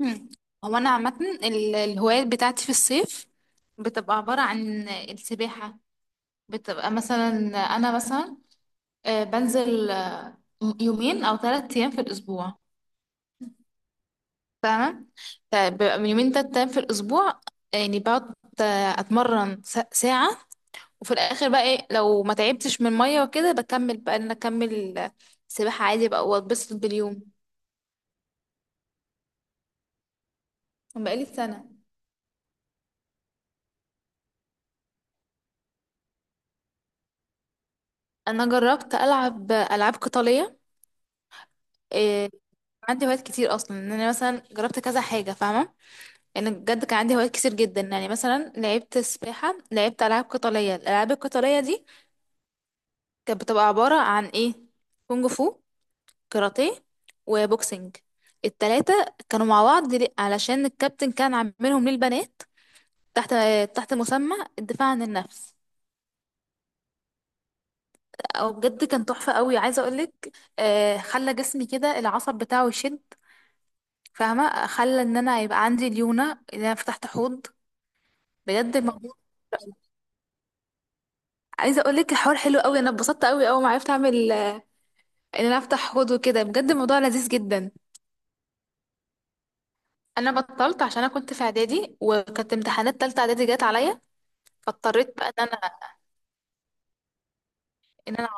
مم. هو انا عامه الهوايات بتاعتي في الصيف، بتبقى عباره عن السباحه. بتبقى مثلا، انا مثلا بنزل يومين او 3 ايام في الاسبوع. تمام. فبيبقى من يومين، 3 ايام في الاسبوع، يعني بقعد اتمرن ساعه، وفي الاخر بقى إيه، لو ما تعبتش من الميه وكده بكمل بقى ان انا اكمل سباحه عادي بقى واتبسط باليوم. بقالي سنه. انا جربت العب العاب قتاليه. آه، عندي هوايات كتير اصلا، ان انا مثلا جربت كذا حاجه فاهمه، يعني بجد كان عندي هوايات كتير جدا. يعني مثلا لعبت سباحه، لعبت العاب قتاليه. الالعاب القتاليه دي كانت بتبقى عباره عن ايه؟ كونج فو، كاراتيه، وبوكسنج. التلاتة كانوا مع بعض ليه؟ علشان الكابتن كان عاملهم للبنات تحت، تحت مسمى الدفاع عن النفس. او بجد كان تحفه قوي، عايزه اقولك. خلى جسمي كده العصب بتاعه يشد، فاهمه، خلى ان انا يبقى عندي ليونه، ان انا فتحت حوض. بجد الموضوع، عايزه اقول لك الحوار حلو قوي، انا اتبسطت قوي اول ما عرفت اعمل ان انا افتح حوض وكده، بجد الموضوع لذيذ جدا. انا بطلت عشان انا كنت في اعدادي، وكانت امتحانات تالتة اعدادي جت عليا. فاضطريت بقى ان انا ان انا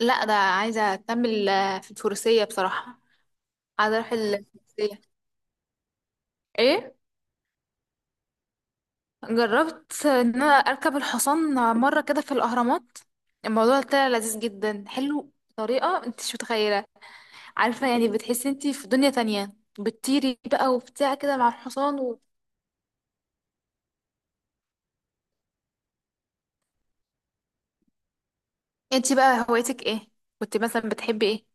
لا ده عايزه اكمل في الفروسيه بصراحه. عايزه اروح الفروسيه. ايه. جربت ان انا اركب الحصان مره كده في الاهرامات. الموضوع طلع لذيذ جدا، حلو بطريقه انت مش متخيله. عارفه، يعني بتحسي انت في دنيا تانية، بتطيري بقى وبتاع كده مع الحصان. انتي بقى هوايتك ايه؟ كنت مثلا بتحبي ايه؟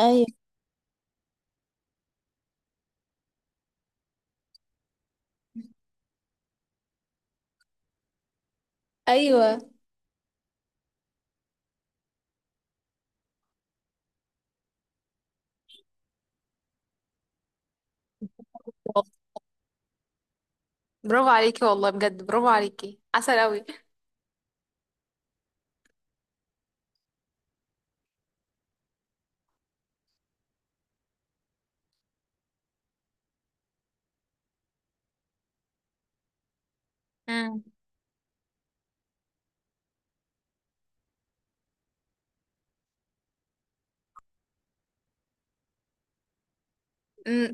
ايوه، ايوه. برافو عليكي، والله بجد برافو عليكي، عسل قوي. امم.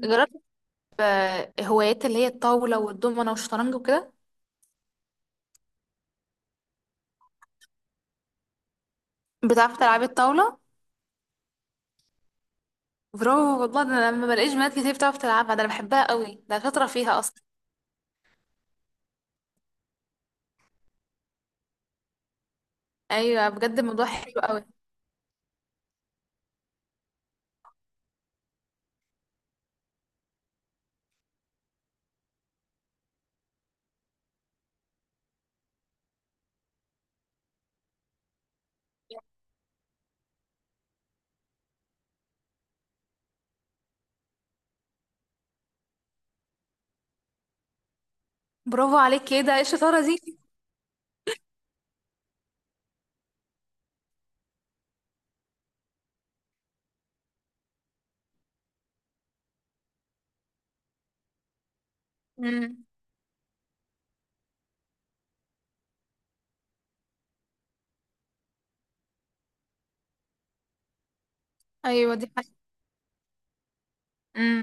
جربت هوايات اللي هي الطاوله والدومنه والشطرنج وكده. بتعرفي تلعبي الطاوله؟ برافو والله، ده انا لما بلاقيش بنات كتير بتعرف تلعبها، ده انا بحبها قوي، ده شاطره فيها اصلا. ايوه بجد الموضوع حلو قوي. برافو عليكي، ايه ده، ايه الشطاره دي. امم. ايوه دي حاجه. امم.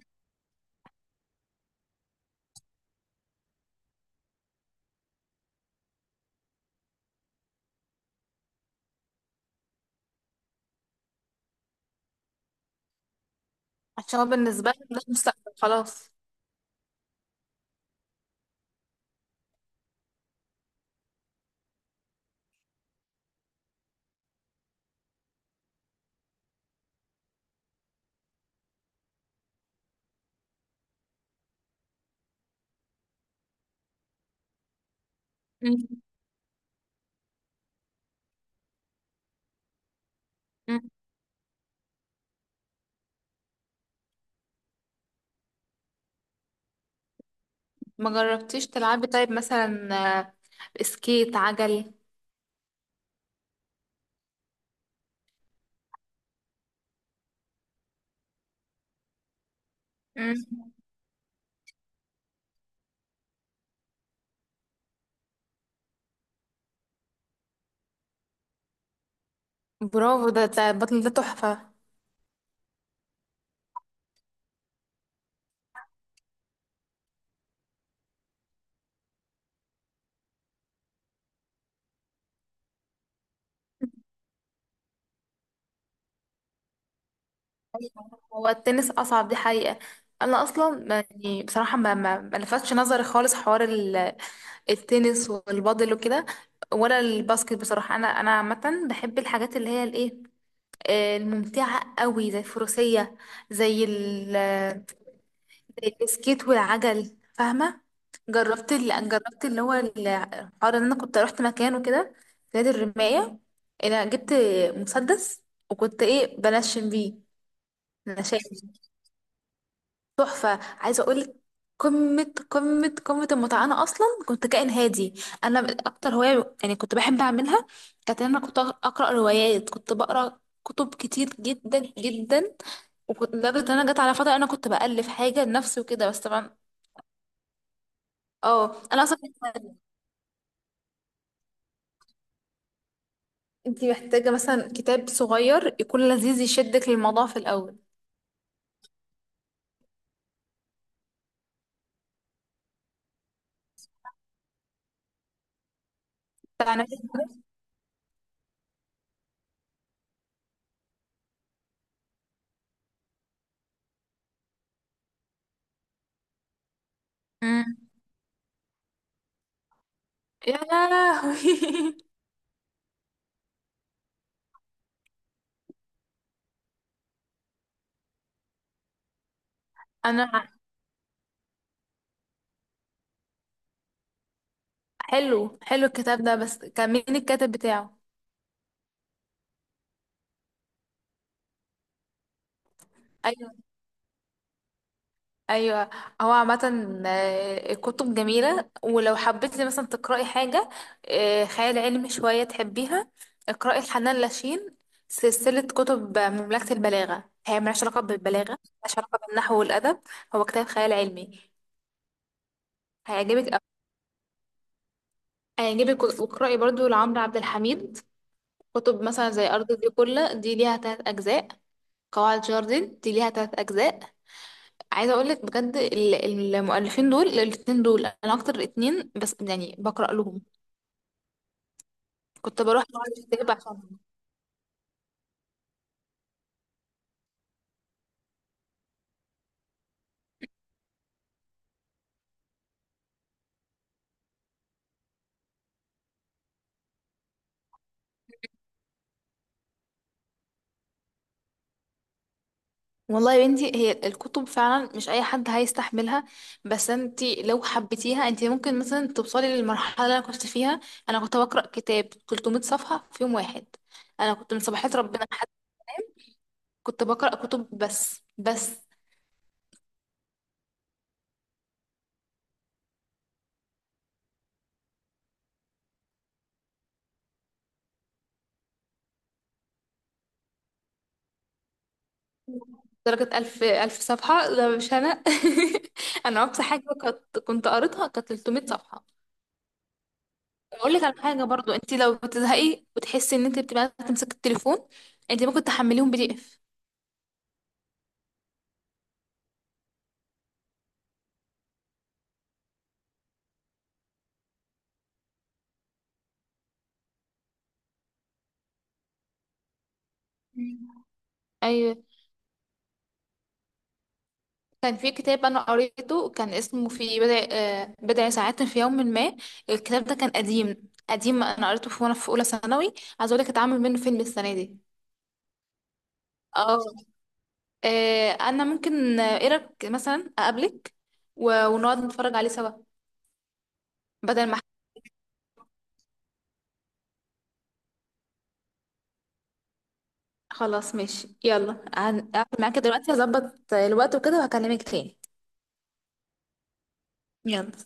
عشان هو بالنسبه لي ده مستقبل خلاص. امم. ما جربتيش تلعبي طيب مثلا آه، سكيت عجل؟ مم. برافو، ده البطل ده تحفة. أيوة. هو التنس أصعب دي حقيقة. أنا أصلا يعني بصراحة ما لفتش نظري خالص حوار التنس والبادل وكده، ولا الباسكت بصراحة. أنا عامة بحب الحاجات اللي هي الإيه، الممتعة قوي، زي الفروسية، زي زي البسكيت والعجل، فاهمة. جربت جربت اللي هو الحوار ان انا كنت رحت مكان وكده، في نادي الرماية. انا جبت مسدس وكنت ايه، بنشن بيه، نشان. تحفة، عايزة اقولك. قمة قمة قمة المتعة. أنا أصلا كنت كائن هادي، أنا. أكتر هواية يعني كنت بحب أعملها، كانت إن أنا كنت أقرأ روايات. كنت بقرأ كتب كتير جدا جدا، وكنت لدرجة إن أنا جت على فترة أنا كنت بألف حاجة لنفسي وكده، بس طبعا. اه انا اصلا، انت محتاجه مثلا كتاب صغير يكون لذيذ يشدك للموضوع في الاول. بتاع نفس. مم. يا لهوي انا؟ حلو حلو الكتاب ده، بس كان مين الكاتب بتاعه؟ ايوه، ايوه. هو عامه كتب جميله، ولو حبيتي مثلا تقراي حاجه خيال علمي شويه تحبيها، اقراي الحنان لاشين. سلسله كتب مملكه البلاغه، هي ملهاش علاقه بالبلاغه، ملهاش علاقه بالنحو والادب، هو كتاب خيال علمي. هيعجبك أوي. هيعجبك. واقرأي برضو لعمرو عبد الحميد كتب، مثلا زي أرض الكلة دي ليها 3 أجزاء، قواعد جاردن دي ليها 3 أجزاء. عايزة أقولك بجد المؤلفين دول الاتنين، دول أنا أكتر اتنين بس يعني بقرأ لهم. كنت بروح معرض الكتاب عشانهم. والله يا بنتي، هي الكتب فعلا مش أي حد هيستحملها، بس انتي لو حبيتيها انتي ممكن مثلا توصلي للمرحلة اللي أنا كنت فيها. أنا كنت بقرأ كتاب 300 صفحة في يوم واحد. أنا كنت من صباحات ربنا كنت بقرأ كتب، بس. درجة ألف ألف صفحة ده مش أنا أنا أقصى حاجة كنت قريتها، كانت 300 صفحة. أقول لك على حاجة برضو، أنت لو بتزهقي وتحسي إن أنت بتبقى عايزة تمسكي التليفون، أنت ممكن تحمليهم PDF. أيوة. كان في كتاب أنا قريته، كان اسمه في بضع بضع ساعات في يوم ما. الكتاب ده كان قديم قديم، أنا قريته في وأنا في أولى ثانوي. عايزة أقول لك اتعمل منه فيلم السنة دي. اه. انا ممكن ايه رايك مثلا اقابلك ونقعد نتفرج عليه سوا، بدل ما خلاص ماشي. يلا، هقفل معاك دلوقتي، هظبط الوقت وكده وهكلمك تاني. يلا.